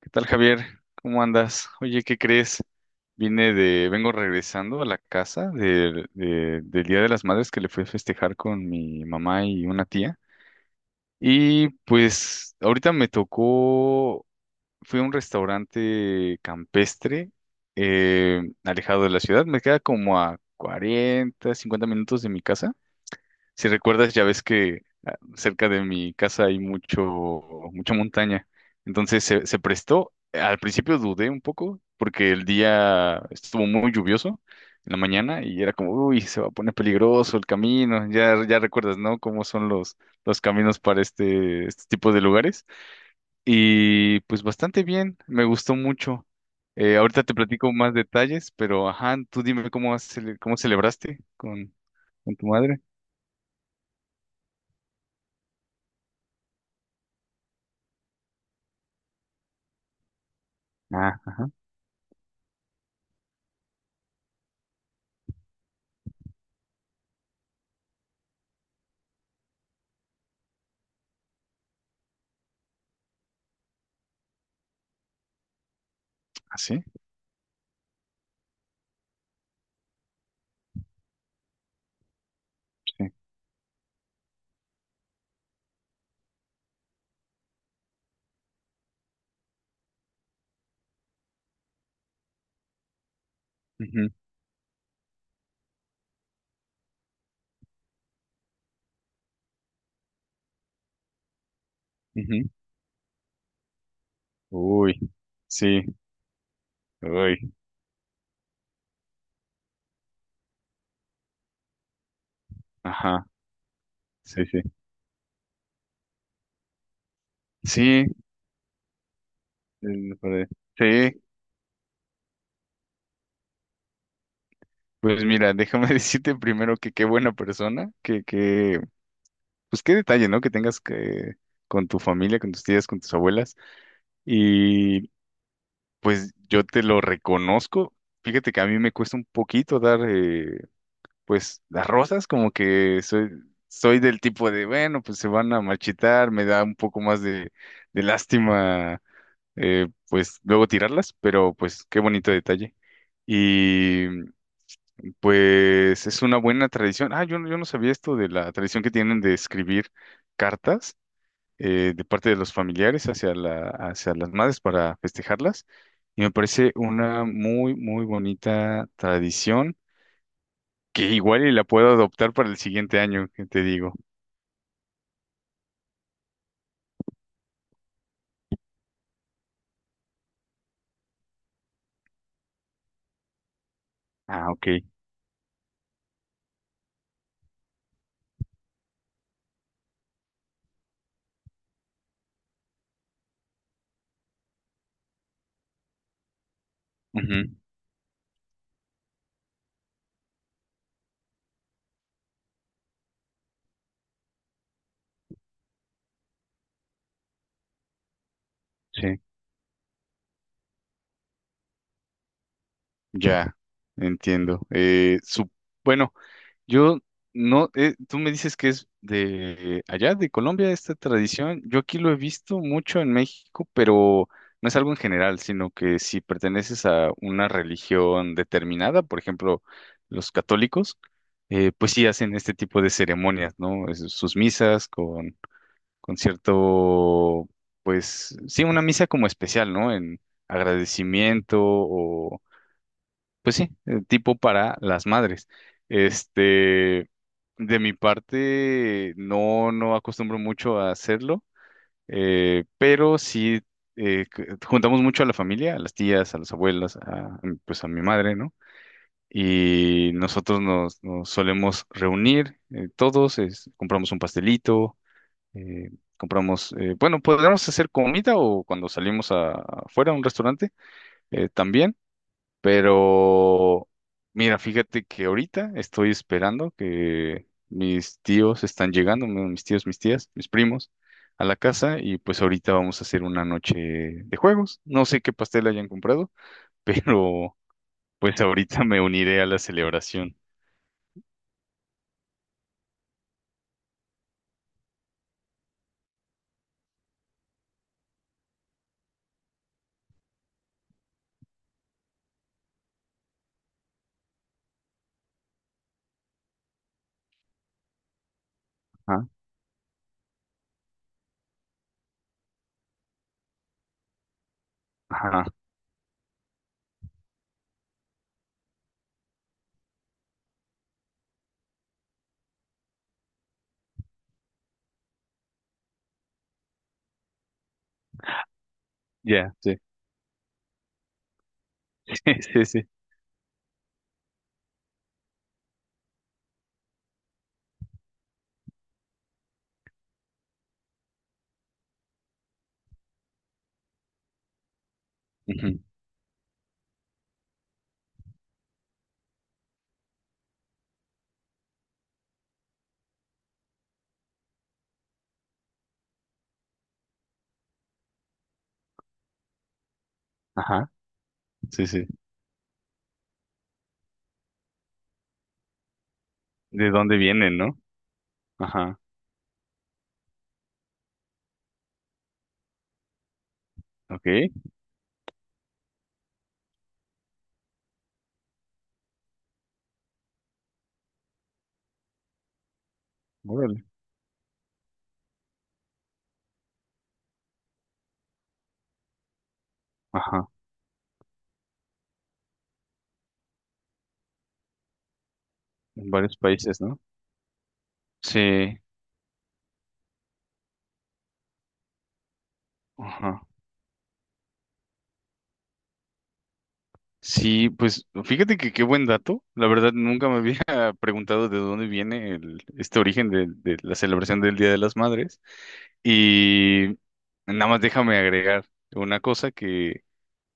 ¿Qué tal, Javier? ¿Cómo andas? Oye, ¿qué crees? Vengo regresando a la casa del Día de las Madres que le fui a festejar con mi mamá y una tía. Y pues ahorita me tocó, fui a un restaurante campestre, alejado de la ciudad. Me queda como a 40, 50 minutos de mi casa. Si recuerdas, ya ves que cerca de mi casa hay mucha montaña. Entonces se prestó. Al principio dudé un poco porque el día estuvo muy lluvioso en la mañana y era como, uy, se va a poner peligroso el camino. Ya recuerdas, ¿no? Cómo son los caminos para este tipo de lugares. Y pues bastante bien, me gustó mucho. Ahorita te platico más detalles, pero ajá, tú dime cómo celebraste con, tu madre. Ah, ¿así? Ujú, ujú. Uy, sí, uy, ajá, sí, sí. Sí, el padre. Sí, pues mira, déjame decirte primero que qué buena persona, pues qué detalle, ¿no? Que tengas con tu familia, con tus tías, con tus abuelas, y pues yo te lo reconozco. Fíjate que a mí me cuesta un poquito dar, pues, las rosas, como que soy del tipo de, bueno, pues se van a marchitar, me da un poco más de lástima, pues luego tirarlas, pero pues qué bonito detalle. Y pues es una buena tradición. Ah, yo no sabía esto de la tradición que tienen de escribir cartas, de parte de los familiares hacia hacia las madres para festejarlas. Y me parece una muy, muy bonita tradición que igual y la puedo adoptar para el siguiente año, que te digo. Ah, ok. Ujú, sí, ya, entiendo. Bueno. Yo no, Tú me dices que es de allá, de Colombia, esta tradición. Yo aquí lo he visto mucho en México, pero no es algo en general, sino que si perteneces a una religión determinada, por ejemplo, los católicos, pues sí hacen este tipo de ceremonias, ¿no? Sus misas con, cierto, pues sí, una misa como especial, ¿no? En agradecimiento, pues sí, tipo para las madres. Este, de mi parte, no acostumbro mucho a hacerlo, pero sí, juntamos mucho a la familia, a las tías, a las abuelas, pues a mi madre, ¿no? Y nosotros nos solemos reunir, todos, compramos un pastelito, eh, compramos, bueno, podríamos hacer comida o cuando salimos afuera a un restaurante, también. Pero, mira, fíjate que ahorita estoy esperando que mis tíos están llegando, mis tíos, mis tías, mis primos, a la casa y pues ahorita vamos a hacer una noche de juegos. No sé qué pastel hayan comprado, pero pues ahorita me uniré a la celebración. Ajá, ajá, ya, sí, sí, sí, sí. Ujú, ajá, sí, sí. ¿De dónde vienen, no? Ajá. Ok, órale. Ajá, en varios países, ¿no? Sí, ajá. Sí, pues fíjate que qué buen dato. La verdad, nunca me había preguntado de dónde viene el, este origen de la celebración del Día de las Madres. Y nada más déjame agregar una cosa, que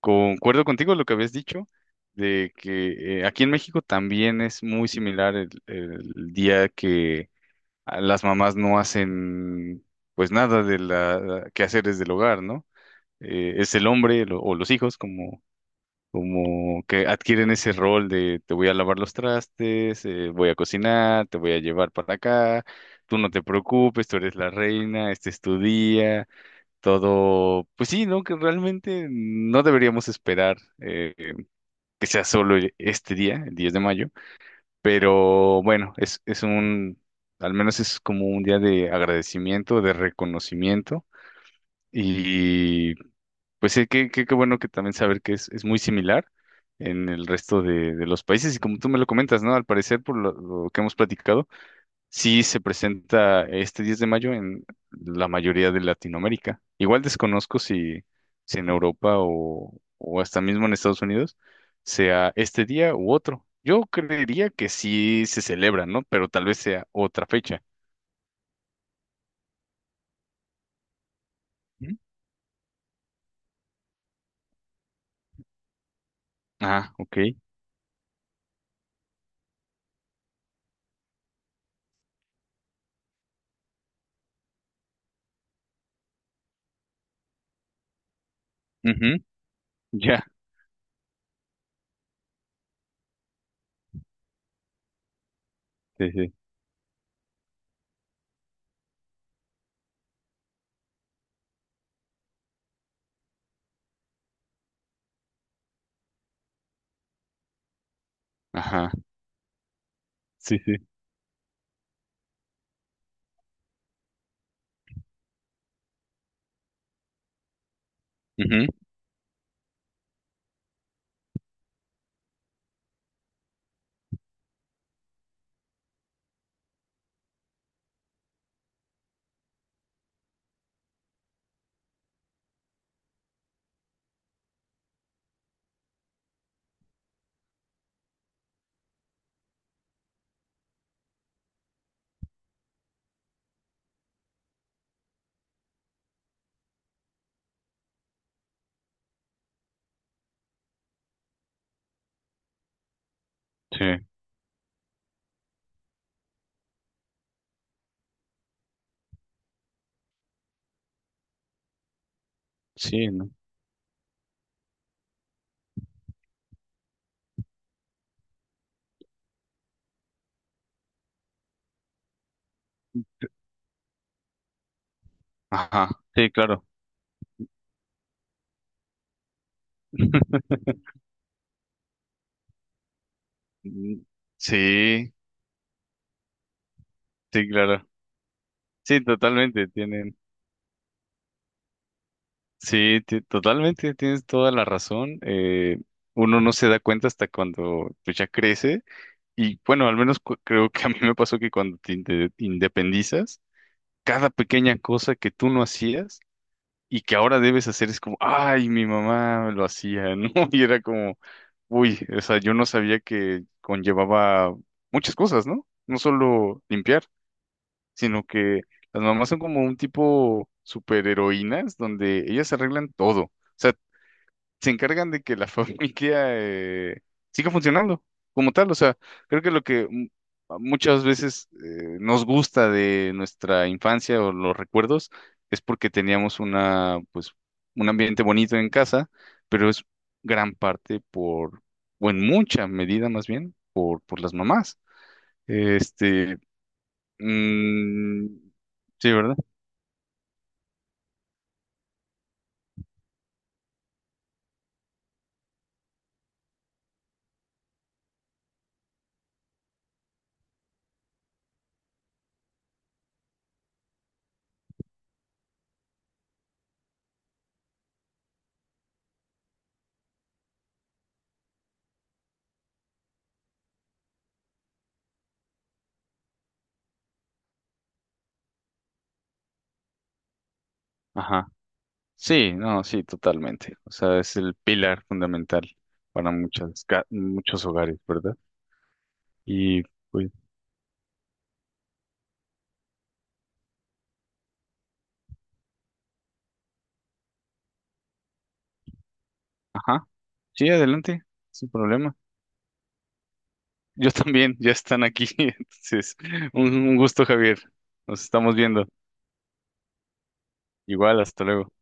concuerdo contigo lo que habías dicho, de que aquí en México también es muy similar el día que las mamás no hacen pues nada de la quehaceres del hogar, ¿no? Es el hombre, o los hijos, como como que adquieren ese rol de te voy a lavar los trastes, voy a cocinar, te voy a llevar para acá, tú no te preocupes, tú eres la reina, este es tu día, todo, pues sí, ¿no? Que realmente no deberíamos esperar que sea solo este día, el 10 de mayo, pero bueno, es un, al menos es como un día de agradecimiento, de reconocimiento. Y pues sí, qué bueno que también saber que es muy similar en el resto de los países. Y como tú me lo comentas, ¿no? Al parecer, por lo que hemos platicado, sí se presenta este 10 de mayo en la mayoría de Latinoamérica. Igual desconozco si en Europa o hasta mismo en Estados Unidos sea este día u otro. Yo creería que sí se celebra, ¿no? Pero tal vez sea otra fecha. ¿Mm? Ah, ok. Ujú, ya. Sí, sí. Ajá. Sí, sí. Ujú, sí, sí, ¿no? Ajá. Sí, claro. Mm, sí, sí, claro. Sí, totalmente. Tienen. Sí, totalmente, tienes toda la razón. Uno no se da cuenta hasta cuando pues, ya crece. Y bueno, al menos creo que a mí me pasó que cuando te independizas, cada pequeña cosa que tú no hacías y que ahora debes hacer es como, ay, mi mamá lo hacía, ¿no? Y era como, uy, o sea, yo no sabía que conllevaba muchas cosas, ¿no? No solo limpiar, sino que las mamás son como un tipo superheroínas donde ellas arreglan todo, se encargan de que la familia, siga funcionando como tal. O sea, creo que lo que muchas veces nos gusta de nuestra infancia o los recuerdos es porque teníamos una, pues, un ambiente bonito en casa, pero es gran parte por, o en mucha medida más bien, por las mamás. Este, mm, sí, ¿verdad? Sí, no, sí, totalmente. O sea, es el pilar fundamental para muchos hogares, ¿verdad? Y pues, ajá, sí, adelante, sin problema. Yo también, ya están aquí. Entonces, un gusto, Javier. Nos estamos viendo. Igual, hasta luego.